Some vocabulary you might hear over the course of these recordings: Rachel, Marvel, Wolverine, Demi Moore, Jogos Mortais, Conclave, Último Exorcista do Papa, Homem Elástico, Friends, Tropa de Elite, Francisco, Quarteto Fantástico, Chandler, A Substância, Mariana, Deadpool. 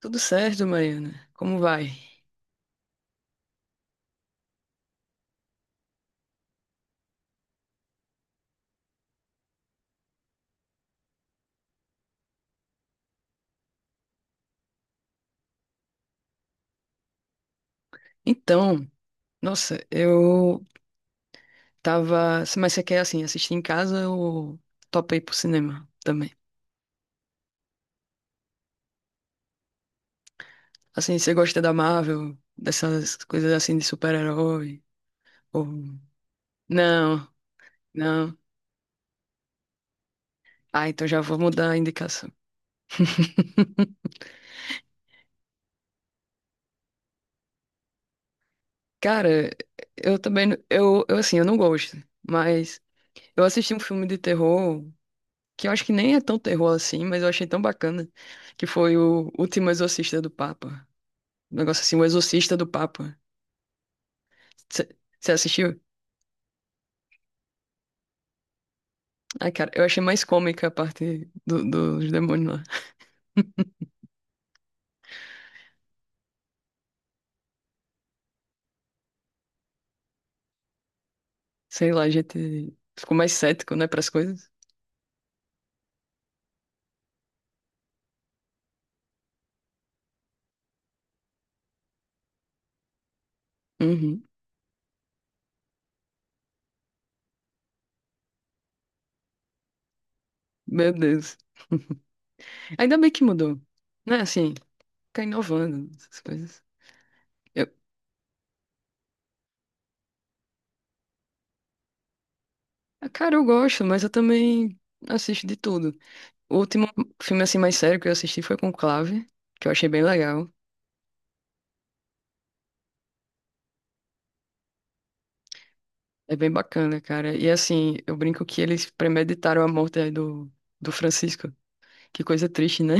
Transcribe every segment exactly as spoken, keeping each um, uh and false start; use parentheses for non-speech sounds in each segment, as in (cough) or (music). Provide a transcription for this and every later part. Tudo certo, Mariana? Como vai? Então, nossa, eu tava. Mas você quer, assim, assistir em casa ou topei pro cinema também? Assim, você gosta da Marvel, dessas coisas assim de super-herói? Ou... Não, não. Ah, então já vou mudar a indicação. (laughs) Cara, eu também. n- Eu, eu, assim, eu não gosto, mas eu assisti um filme de terror. Que eu acho que nem é tão terror assim, mas eu achei tão bacana, que foi o Último Exorcista do Papa. Um negócio assim, o Exorcista do Papa. Você assistiu? Ai, cara, eu achei mais cômica a parte do- dos demônios lá. Sei lá, a gente ficou mais cético, né, pras coisas. Uhum. Meu Deus. Ainda bem que mudou. Né, assim, fica inovando essas coisas. Eu, ah, cara, eu gosto, mas eu também assisto de tudo. O último filme, assim, mais sério que eu assisti foi Conclave, que eu achei bem legal. É bem bacana, cara. E assim, eu brinco que eles premeditaram a morte aí do, do Francisco. Que coisa triste, né?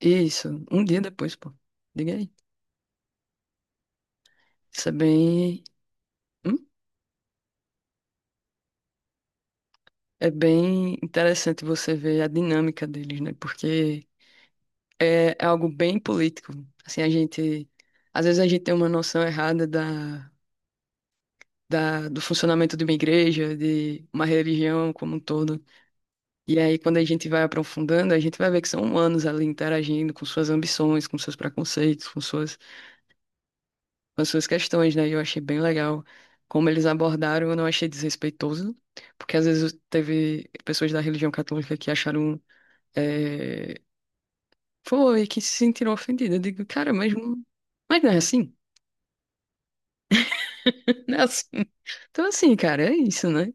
Isso, um dia depois, pô. Diga aí. Isso é bem. Hum? É bem interessante você ver a dinâmica deles, né? Porque é, é algo bem político. Assim, a gente. Às vezes a gente tem uma noção errada da, da, do funcionamento de uma igreja, de uma religião como um todo. E aí, quando a gente vai aprofundando, a gente vai ver que são humanos ali interagindo com suas ambições, com seus preconceitos, com suas as suas questões, né? E eu achei bem legal como eles abordaram, eu não achei desrespeitoso, porque às vezes teve pessoas da religião católica que acharam, é, foi, que se sentiram ofendidas. Eu digo, cara, mas, não- mas não é assim, (laughs) não é assim. Então, assim, cara, é isso, né?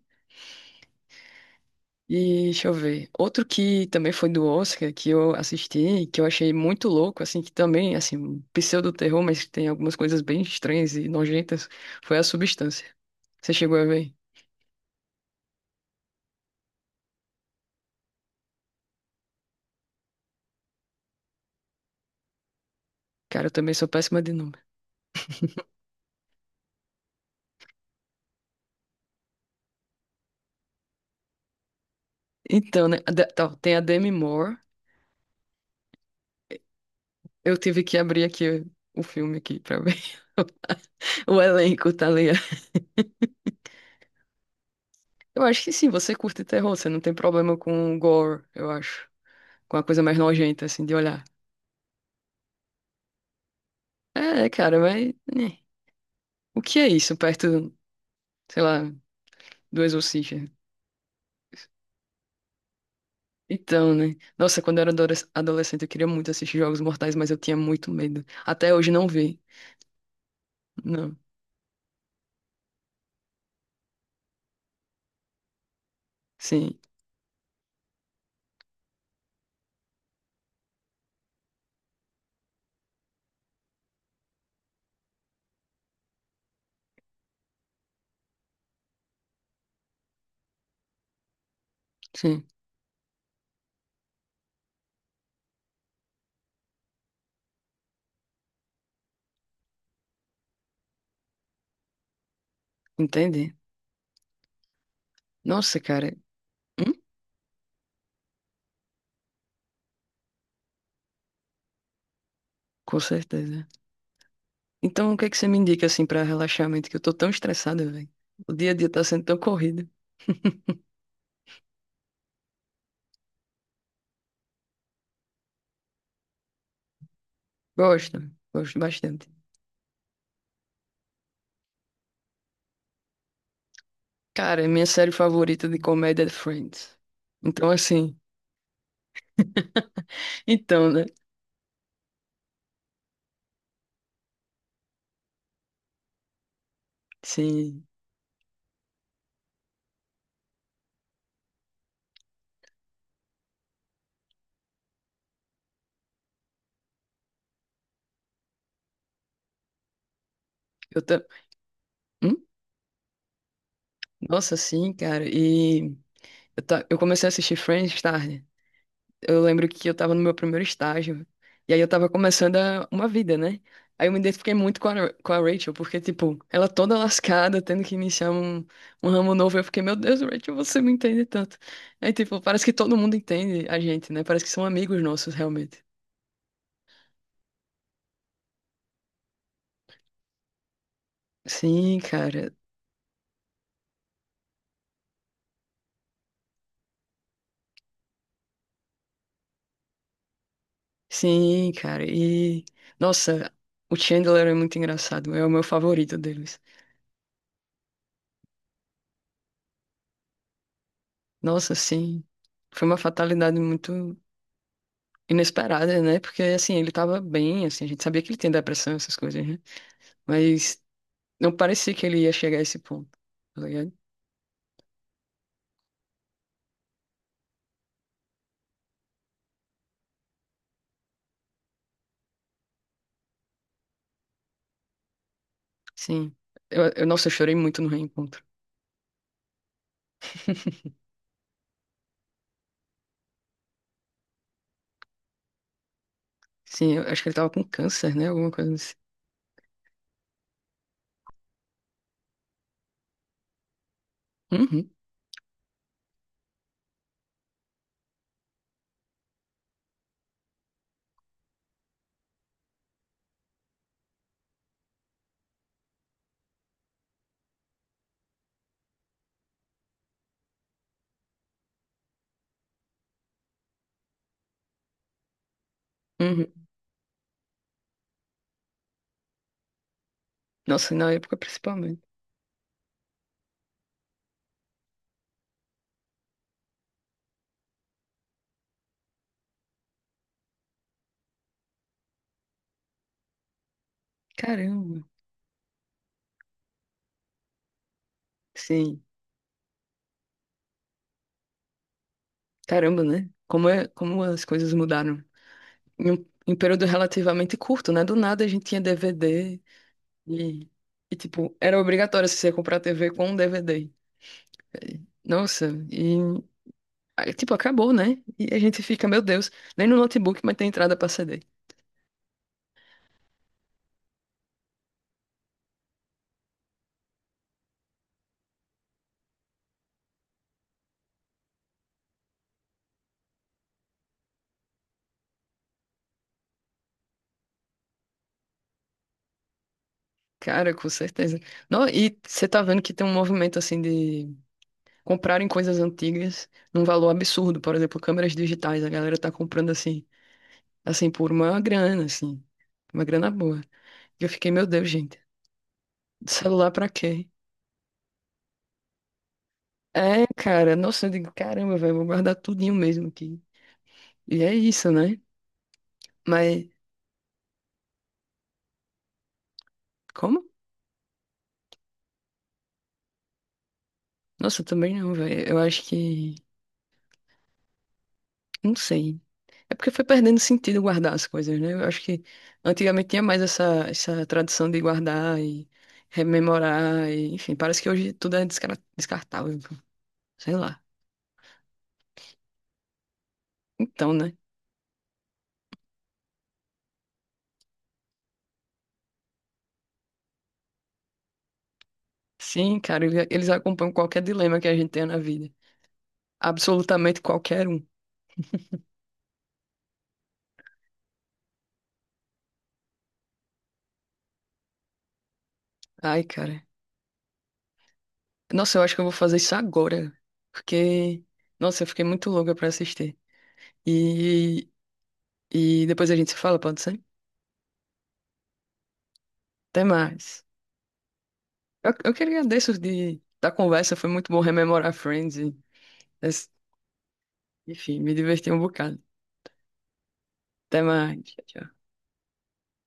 E deixa eu ver. Outro que também foi do Oscar, que eu assisti, que eu achei muito louco, assim, que também, assim, um pseudo-terror, mas que tem algumas coisas bem estranhas e nojentas, foi A Substância. Você chegou a ver? Cara, eu também sou péssima de nome. Então, né? a de- tá, Tem a Demi Moore. Eu tive que abrir aqui o filme aqui pra ver (laughs) o elenco, tá ali. Eu acho que sim, você curte terror, você não tem problema com o gore, eu acho. Com a coisa mais nojenta, assim, de olhar. É, cara, mas, né, o que é isso perto, sei lá, do Exorcista? Então, né? Nossa, quando eu era adores- adolescente, eu queria muito assistir Jogos Mortais, mas eu tinha muito medo. Até hoje não vi. Não. Sim, sim. Entende? Nossa, cara. Hum? Com certeza. Então, o que é que você me indica assim pra relaxamento? Que eu tô tão estressada, velho. O dia a dia tá sendo tão corrido. Gosto, gosto bastante. Cara, é minha série favorita de comédia é Friends. Então, assim. (laughs) Então, né? Sim. Eu tô. Hum? Nossa, sim, cara. E eu, tá... eu comecei a assistir Friends tarde. Eu lembro que eu tava no meu primeiro estágio. E aí eu tava começando a- uma vida, né? Aí eu me identifiquei muito com a, Ra- com a Rachel, porque, tipo, ela toda lascada, tendo que iniciar um, um ramo novo. Eu fiquei, meu Deus, Rachel, você me entende tanto. Aí, tipo, parece que todo mundo entende a gente, né? Parece que são amigos nossos, realmente. Sim, cara. Sim, cara. E, nossa, o Chandler é muito engraçado. É o meu favorito deles. Nossa, sim. Foi uma fatalidade muito inesperada, né? Porque assim, ele tava bem, assim, a gente sabia que ele tem depressão, essas coisas, né? Mas não parecia que ele ia chegar a esse ponto, tá ligado? Sim. Eu, eu, nossa, eu chorei muito no reencontro. (laughs) Sim, eu acho que ele tava com câncer, né? Alguma coisa assim. Uhum, uhum. Nossa, na época principalmente. Caramba. Sim. Caramba, né? Como é, como as coisas mudaram. Em um, em um período relativamente curto, né? Do nada a gente tinha D V D e, e tipo, era obrigatório você comprar T V com um D V D. Nossa, e aí, tipo, acabou, né? E a gente fica, meu Deus, nem no notebook, mas tem entrada pra C D. Cara, com certeza. Não, e você tá vendo que tem um movimento assim de comprarem coisas antigas num valor absurdo. Por exemplo, câmeras digitais, a galera tá comprando assim, assim, por uma grana, assim, uma grana boa. E eu fiquei, meu Deus, gente, celular pra quê? É, cara, nossa, eu digo, caramba, velho, vou guardar tudinho mesmo aqui. E é isso, né? Mas como? Nossa, eu também não, velho. Eu acho que. Não sei. É porque foi perdendo sentido guardar as coisas, né? Eu acho que antigamente tinha mais essa, essa tradição de guardar e rememorar, e, enfim, parece que hoje tudo é descara- descartável, sei lá. Então, né? Sim, cara, ele- eles acompanham qualquer dilema que a gente tenha na vida. Absolutamente qualquer um. Ai, cara. Nossa, eu acho que eu vou fazer isso agora, porque, nossa, eu fiquei muito louca pra assistir. E, e depois a gente se fala, pode ser? Até mais. Eu, eu que agradeço de, da conversa, foi muito bom rememorar Friends. E, enfim, me diverti um bocado. Até mais. Tchau, tchau.